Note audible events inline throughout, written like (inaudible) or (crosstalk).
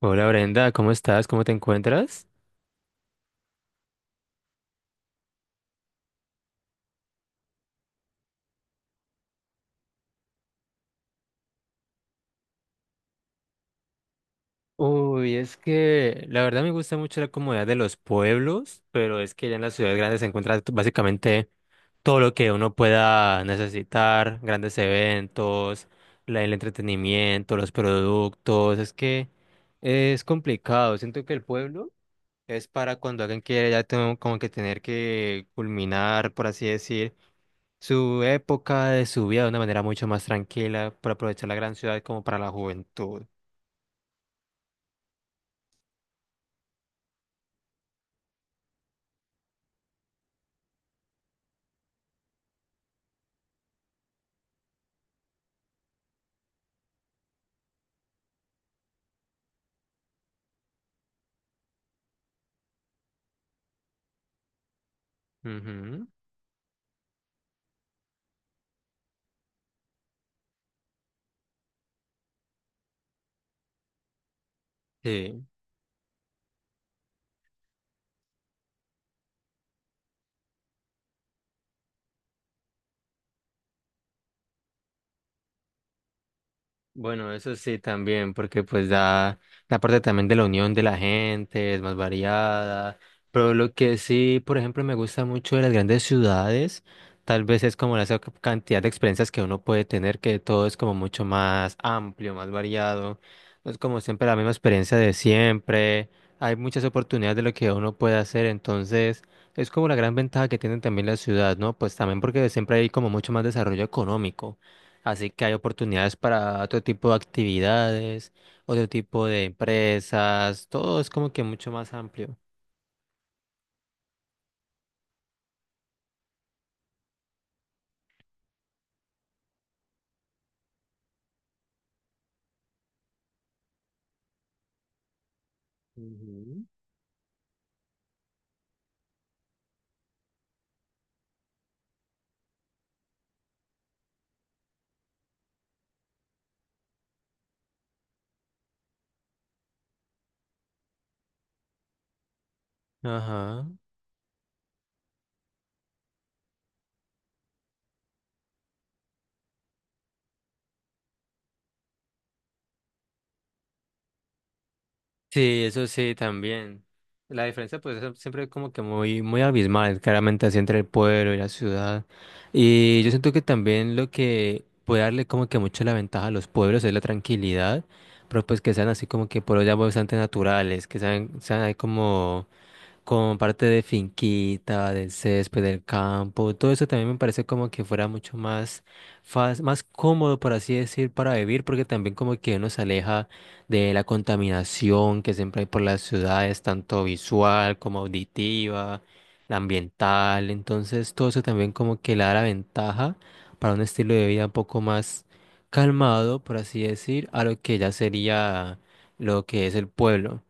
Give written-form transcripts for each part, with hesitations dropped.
Hola Brenda, ¿cómo estás? ¿Cómo te encuentras? Uy, es que la verdad me gusta mucho la comodidad de los pueblos, pero es que ya en las ciudades grandes se encuentra básicamente todo lo que uno pueda necesitar, grandes eventos, el entretenimiento, los productos, es que es complicado. Siento que el pueblo es para cuando alguien quiere ya tengo como que tener que culminar, por así decir. Su época de su vida de una manera mucho más tranquila, por aprovechar la gran ciudad como para la juventud. Ujú. Sí. Bueno, eso sí también, porque pues da la parte también de la unión de la gente, es más variada, pero lo que sí, por ejemplo, me gusta mucho de las grandes ciudades, tal vez es como la esa cantidad de experiencias que uno puede tener, que todo es como mucho más amplio, más variado, no es como siempre la misma experiencia de siempre, hay muchas oportunidades de lo que uno puede hacer, entonces es como la gran ventaja que tienen también la ciudad, ¿no? Pues también porque siempre hay como mucho más desarrollo económico. Así que hay oportunidades para otro tipo de actividades, otro tipo de empresas, todo es como que mucho más amplio. Ujú. Ajá. Sí, eso sí también. La diferencia pues es siempre como que muy, muy abismal, claramente así entre el pueblo y la ciudad. Y yo siento que también lo que puede darle como que mucho la ventaja a los pueblos es la tranquilidad, pero pues que sean así como que pueblos ya bastante naturales, que sean ahí como con parte de finquita, del césped, del campo, todo eso también me parece como que fuera mucho más más cómodo, por así decir, para vivir, porque también como que uno se aleja de la contaminación que siempre hay por las ciudades, tanto visual como auditiva, la ambiental, entonces todo eso también como que le da la ventaja para un estilo de vida un poco más calmado, por así decir, a lo que ya sería lo que es el pueblo.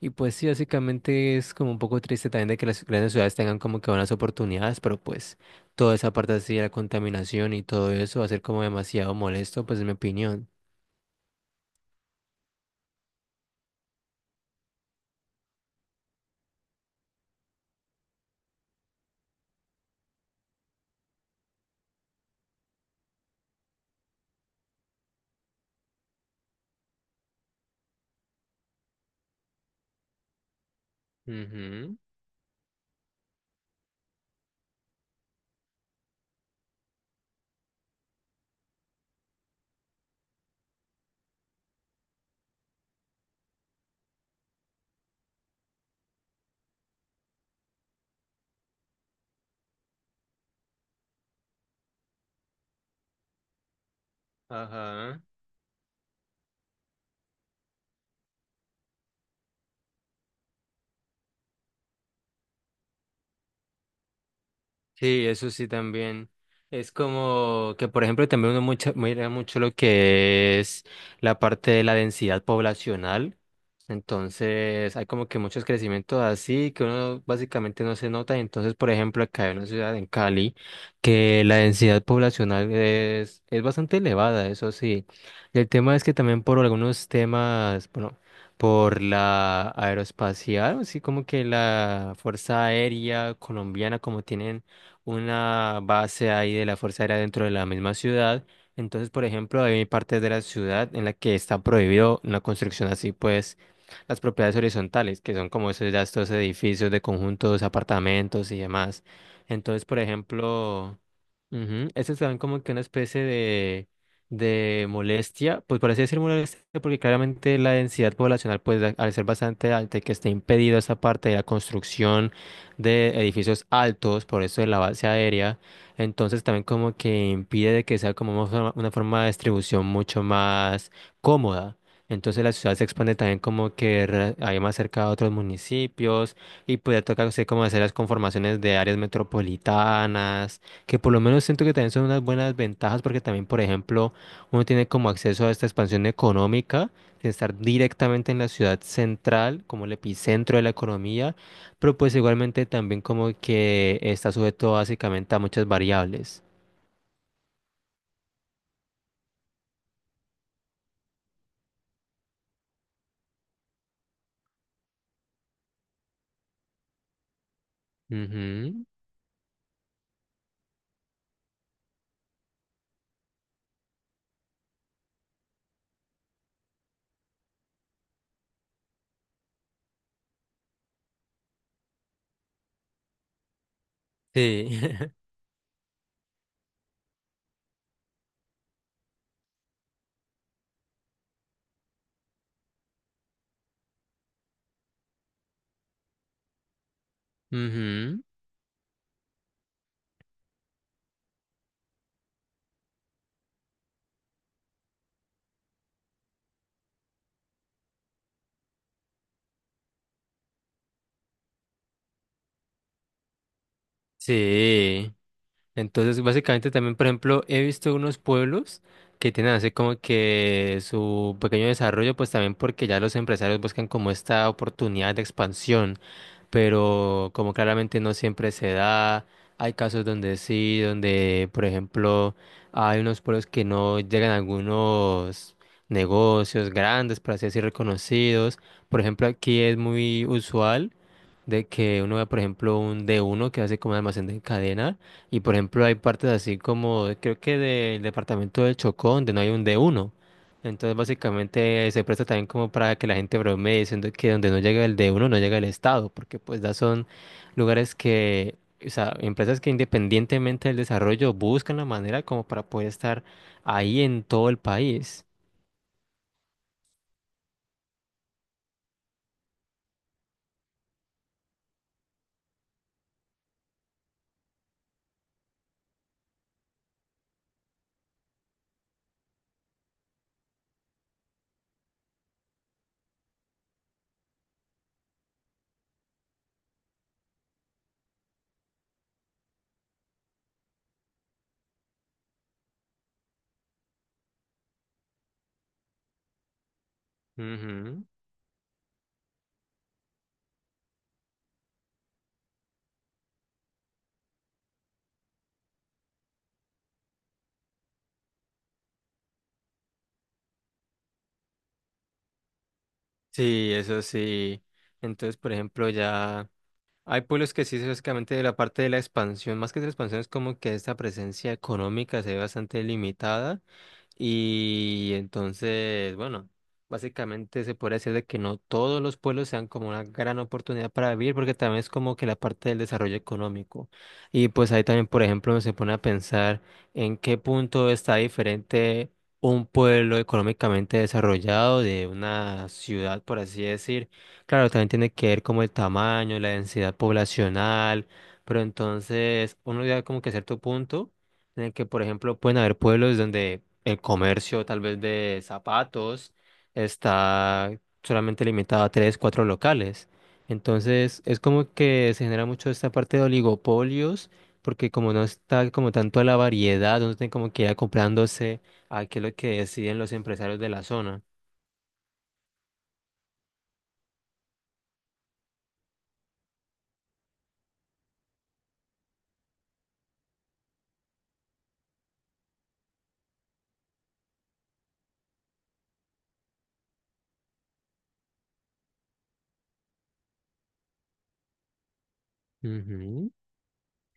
Y pues sí, básicamente es como un poco triste también de que las grandes ciudades tengan como que buenas oportunidades, pero pues toda esa parte así de la contaminación y todo eso va a ser como demasiado molesto, pues en mi opinión. Ujú. Ajá. Sí, eso sí también. Es como que, por ejemplo, también uno mucha mira mucho lo que es la parte de la densidad poblacional. Entonces, hay como que muchos crecimientos así que uno básicamente no se nota. Entonces, por ejemplo, acá hay una ciudad en Cali que la densidad poblacional es bastante elevada, eso sí. Y el tema es que también por algunos temas, bueno, por la aeroespacial, así como que la Fuerza Aérea colombiana, como tienen una base ahí de la Fuerza Aérea dentro de la misma ciudad. Entonces, por ejemplo, hay partes de la ciudad en la que está prohibido una construcción así, pues las propiedades horizontales, que son como esos, ya estos edificios de conjuntos, apartamentos y demás. Entonces, por ejemplo, ujú, estos dan como que una especie de molestia, pues por así decir molestia, porque claramente la densidad poblacional, pues al ser bastante alta y que esté impedido esa parte de la construcción, de edificios altos, por eso de la base aérea. Entonces también como que impide de que sea como una forma de distribución mucho más cómoda. Entonces la ciudad se expande también como que hay más cerca a otros municipios y podría tocarse como hacer las conformaciones de áreas metropolitanas, que por lo menos siento que también son unas buenas ventajas porque también, por ejemplo, uno tiene como acceso a esta expansión económica, de estar directamente en la ciudad central, como el epicentro de la economía, pero pues igualmente también como que está sujeto básicamente a muchas variables. Ujú. Sí. (laughs) Ujú. Sí. Entonces, básicamente también, por ejemplo, he visto unos pueblos que tienen así como que su pequeño desarrollo, pues también porque ya los empresarios buscan como esta oportunidad de expansión, pero como claramente no siempre se da, hay casos donde sí, donde por ejemplo hay unos pueblos que no llegan a algunos negocios grandes, por así decir, reconocidos. Por ejemplo, aquí es muy usual de que uno ve, por ejemplo, un d uno que hace como un almacén de cadena y por ejemplo hay partes así como, creo que del departamento del Chocó donde no hay un d uno. Entonces, básicamente se presta también como para que la gente bromee diciendo que donde no llega el de uno, no llega el Estado, porque pues ya son lugares que, o sea, empresas que independientemente del desarrollo buscan la manera como para poder estar ahí en todo el país. Ujú. Sí, eso sí. Entonces, por ejemplo, ya hay pueblos que sí, básicamente de la parte de la expansión, más que de la expansión, es como que esta presencia económica se ve bastante limitada. Y entonces, bueno, básicamente se puede decir de que no todos los pueblos sean como una gran oportunidad para vivir, porque también es como que la parte del desarrollo económico. Y pues ahí también, por ejemplo, se pone a pensar en qué punto está diferente un pueblo económicamente desarrollado de una ciudad, por así decir. Claro, también tiene que ver como el tamaño, la densidad poblacional, pero entonces uno llega como que a cierto punto en el que, por ejemplo, pueden haber pueblos donde el comercio tal vez de zapatos está solamente limitado a tres, cuatro locales. Entonces, es como que se genera mucho esta parte de oligopolios, porque como no está como tanto a la variedad, no tienen como que ir comprándose a qué es lo que deciden los empresarios de la zona. Ujú.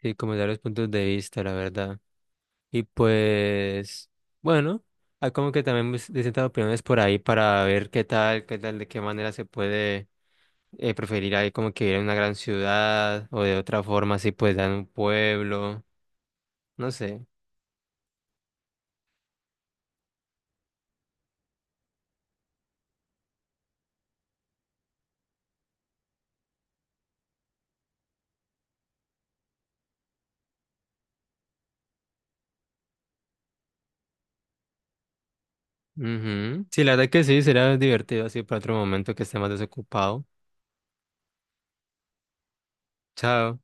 Sí, como dar los puntos de vista, la verdad. Y pues, bueno, hay como que también distintas opiniones por ahí para ver qué tal, de qué manera se puede preferir ahí como que ir a una gran ciudad o de otra forma así pues en un pueblo, no sé. Ujú. Sí, la verdad que sí, será divertido así para otro momento que esté más desocupado. Chao.